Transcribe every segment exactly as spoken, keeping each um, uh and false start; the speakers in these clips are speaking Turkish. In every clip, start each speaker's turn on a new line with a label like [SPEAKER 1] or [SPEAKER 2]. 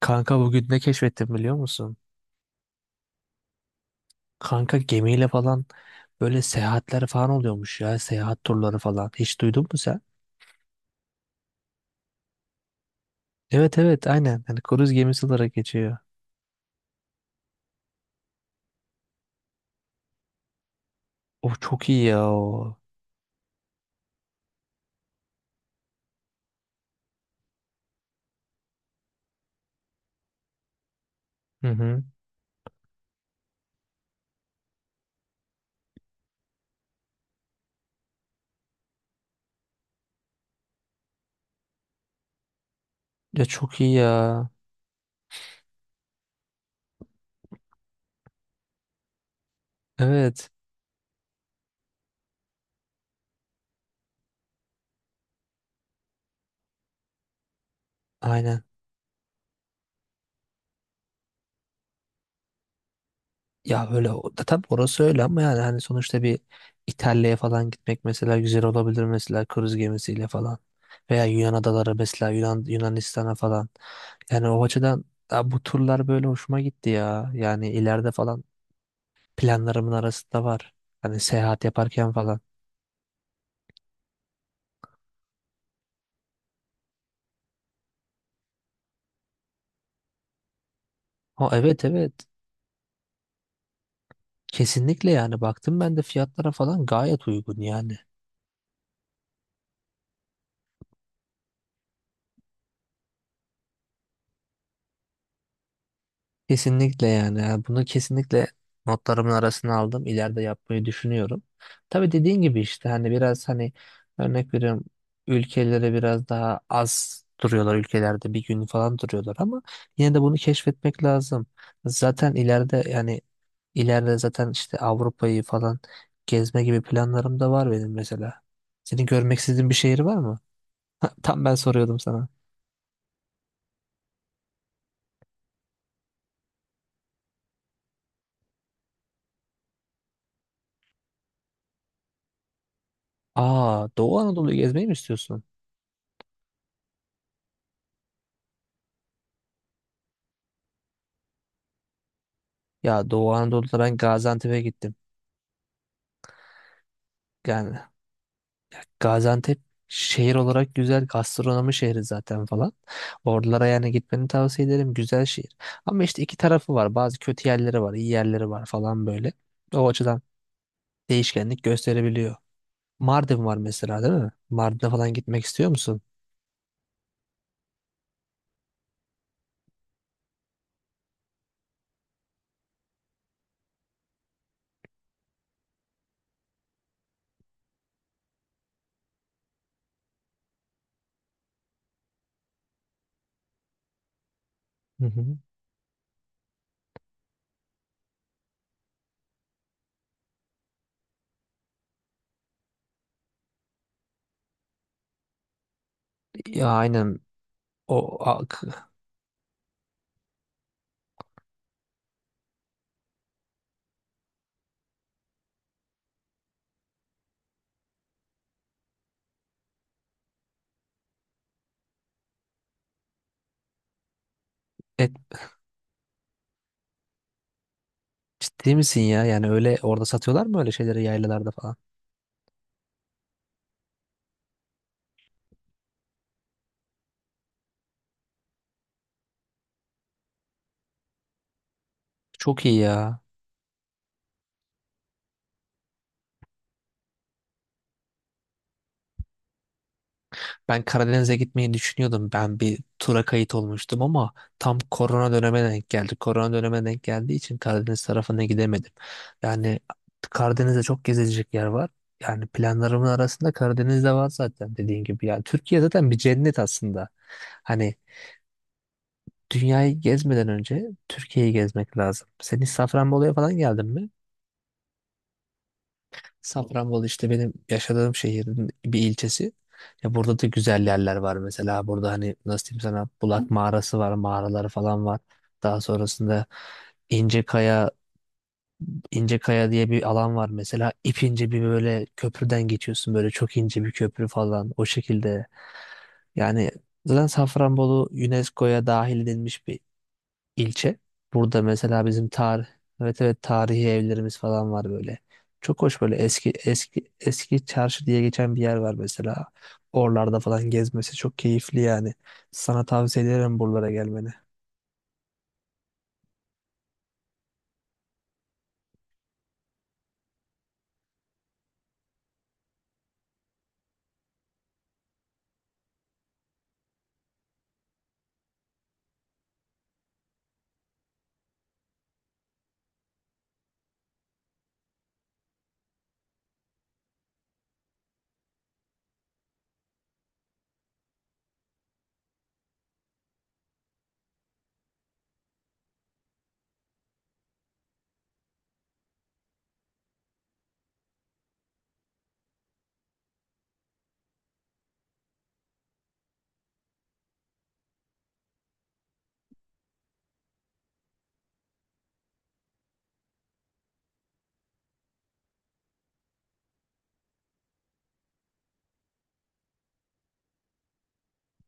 [SPEAKER 1] Kanka, bugün ne keşfettim biliyor musun? Kanka gemiyle falan böyle seyahatler falan oluyormuş ya. Seyahat turları falan. Hiç duydun mu sen? Evet evet, aynen. Hani kruz gemisi olarak geçiyor. O çok iyi ya o. Hı hı. Ya çok iyi ya. Evet. Aynen. Ya öyle o- da tabii orası öyle ama yani hani sonuçta bir İtalya'ya falan gitmek mesela güzel olabilir mesela kruz gemisiyle falan. Veya Yunan adaları mesela Yunan Yunanistan'a falan. Yani o açıdan ya bu turlar böyle hoşuma gitti ya. Yani ileride falan planlarımın arasında var. Hani seyahat yaparken falan. Ha, evet evet. Kesinlikle yani, baktım ben de fiyatlara falan gayet uygun yani. Kesinlikle yani. Yani bunu kesinlikle notlarımın arasına aldım. İleride yapmayı düşünüyorum. Tabii dediğin gibi işte hani biraz hani örnek veriyorum, ülkelere biraz daha az duruyorlar, ülkelerde bir gün falan duruyorlar ama yine de bunu keşfetmek lazım. Zaten ileride yani İleride zaten işte Avrupa'yı falan gezme gibi planlarım da var benim mesela. Senin görmek istediğin bir şehir var mı? Tam ben soruyordum sana. Aa, Doğu Anadolu'yu gezmeyi mi istiyorsun? Ya Doğu Anadolu'da ben Gaziantep'e gittim. Yani Gaziantep şehir olarak güzel, gastronomi şehri zaten falan. Oralara yani gitmeni tavsiye ederim. Güzel şehir. Ama işte iki tarafı var. Bazı kötü yerleri var, iyi yerleri var falan böyle. O açıdan değişkenlik gösterebiliyor. Mardin var mesela değil mi? Mardin'e falan gitmek istiyor musun? Hı hı. Ya aynen o a- k- et, ciddi misin ya? Yani öyle orada satıyorlar mı öyle şeyleri yaylalarda falan? Çok iyi ya. Ben Karadeniz'e gitmeyi düşünüyordum. Ben bir tura kayıt olmuştum ama tam korona döneme denk geldi. Korona döneme denk geldiği için Karadeniz tarafına gidemedim. Yani Karadeniz'de çok gezilecek yer var. Yani planlarımın arasında Karadeniz de var zaten dediğin gibi. Yani Türkiye zaten bir cennet aslında. Hani dünyayı gezmeden önce Türkiye'yi gezmek lazım. Sen hiç Safranbolu'ya falan geldin mi? Safranbolu işte benim yaşadığım şehrin bir ilçesi. Ya burada da güzel yerler var mesela. Burada hani nasıl diyeyim sana, Bulak Mağarası var, mağaraları falan var. Daha sonrasında İncekaya, İncekaya diye bir alan var mesela. İpince bir böyle köprüden geçiyorsun, böyle çok ince bir köprü falan o şekilde. Yani zaten Safranbolu U N E S CO'ya dahil edilmiş bir ilçe. Burada mesela bizim tarih, evet evet, tarihi evlerimiz falan var böyle. Çok hoş böyle eski eski eski çarşı diye geçen bir yer var mesela. Oralarda falan gezmesi çok keyifli yani. Sana tavsiye ederim buralara gelmeni.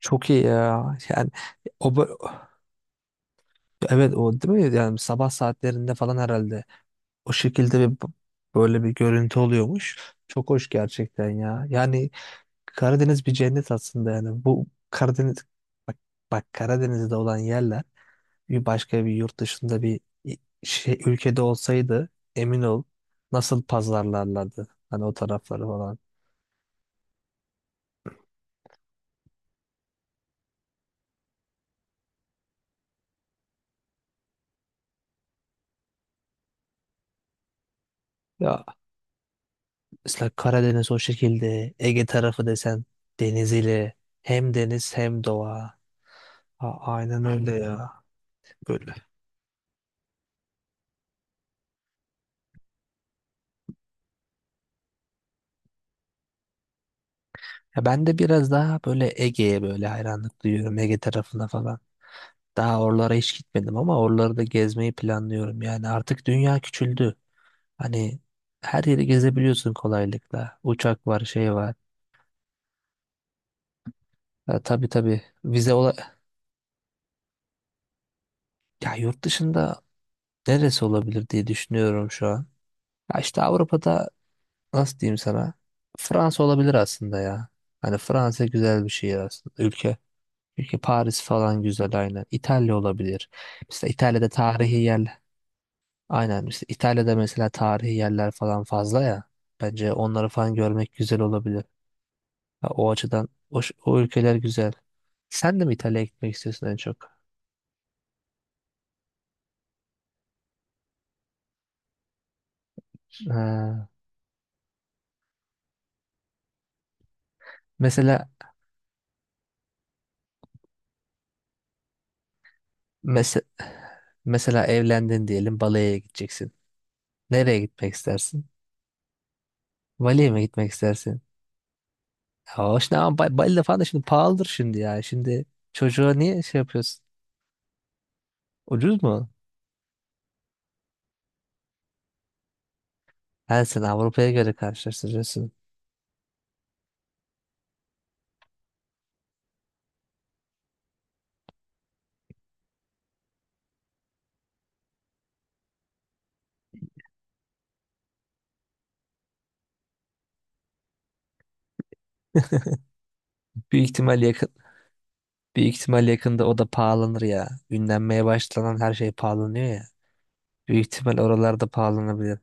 [SPEAKER 1] Çok iyi ya. Yani o bö- evet o değil mi? Yani sabah saatlerinde falan herhalde o şekilde bir böyle bir görüntü oluyormuş. Çok hoş gerçekten ya. Yani Karadeniz bir cennet aslında yani. Bu Karadeniz bak, bak Karadeniz'de olan yerler bir başka bir yurt dışında bir i- şey ülkede olsaydı, emin ol nasıl pazarlarlardı hani o tarafları falan. Ya mesela Karadeniz o şekilde, Ege tarafı desen deniziyle, hem deniz hem doğa. Ha, aynen öyle ya. Böyle. Ya ben de biraz daha böyle Ege'ye böyle hayranlık duyuyorum, Ege tarafına falan. Daha oralara hiç gitmedim ama oraları da gezmeyi planlıyorum. Yani artık dünya küçüldü. Hani her yeri gezebiliyorsun kolaylıkla. Uçak var, şey var. Ha, tabii tabii, vize ola, ya yurt dışında neresi olabilir diye düşünüyorum şu an. Ya işte Avrupa'da nasıl diyeyim sana? Fransa olabilir aslında ya. Hani Fransa güzel bir şehir aslında. Ülke. Ülke, Paris falan güzel aynen. İtalya olabilir. Mesela İtalya'da tarihi yerler, aynen işte İtalya'da mesela tarihi yerler falan fazla ya. Bence onları falan görmek güzel olabilir. Ha, o açıdan o, ş- o ülkeler güzel. Sen de mi İtalya'ya gitmek istiyorsun en çok? Ha, mesela mese- mesela evlendin diyelim, Bali'ye gideceksin. Nereye gitmek istersin? Bali'ye mi gitmek istersin? Ya hoş ne ama Ba- Bali'de falan da şimdi pahalıdır şimdi ya. Şimdi çocuğa niye şey yapıyorsun? Ucuz mu? Her sen Avrupa'ya göre karşılaştırıyorsun. Büyük ihtimal yakın, büyük ihtimal yakında o da pahalanır ya. Ünlenmeye başlanan her şey pahalanıyor ya. Büyük ihtimal oralarda pahalanabilir.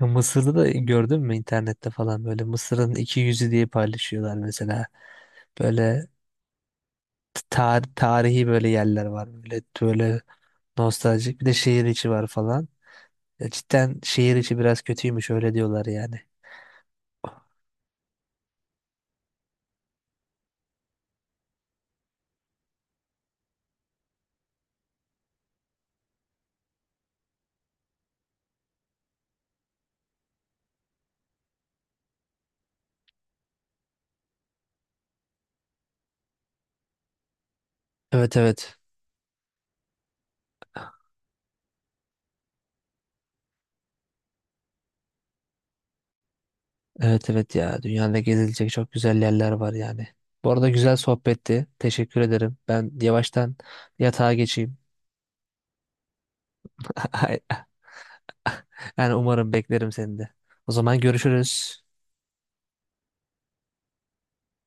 [SPEAKER 1] Ya Mısır'da da gördün mü internette falan, böyle Mısır'ın iki yüzü diye paylaşıyorlar mesela. Böyle tar- tarihi böyle yerler var. Böyle böyle nostaljik, bir de şehir içi var falan. Ya cidden şehir içi biraz kötüymüş, öyle diyorlar yani. Evet evet. Evet evet ya. Dünyada gezilecek çok güzel yerler var yani. Bu arada güzel sohbetti. Teşekkür ederim. Ben yavaştan yatağa geçeyim. Yani umarım, beklerim seni de. O zaman görüşürüz.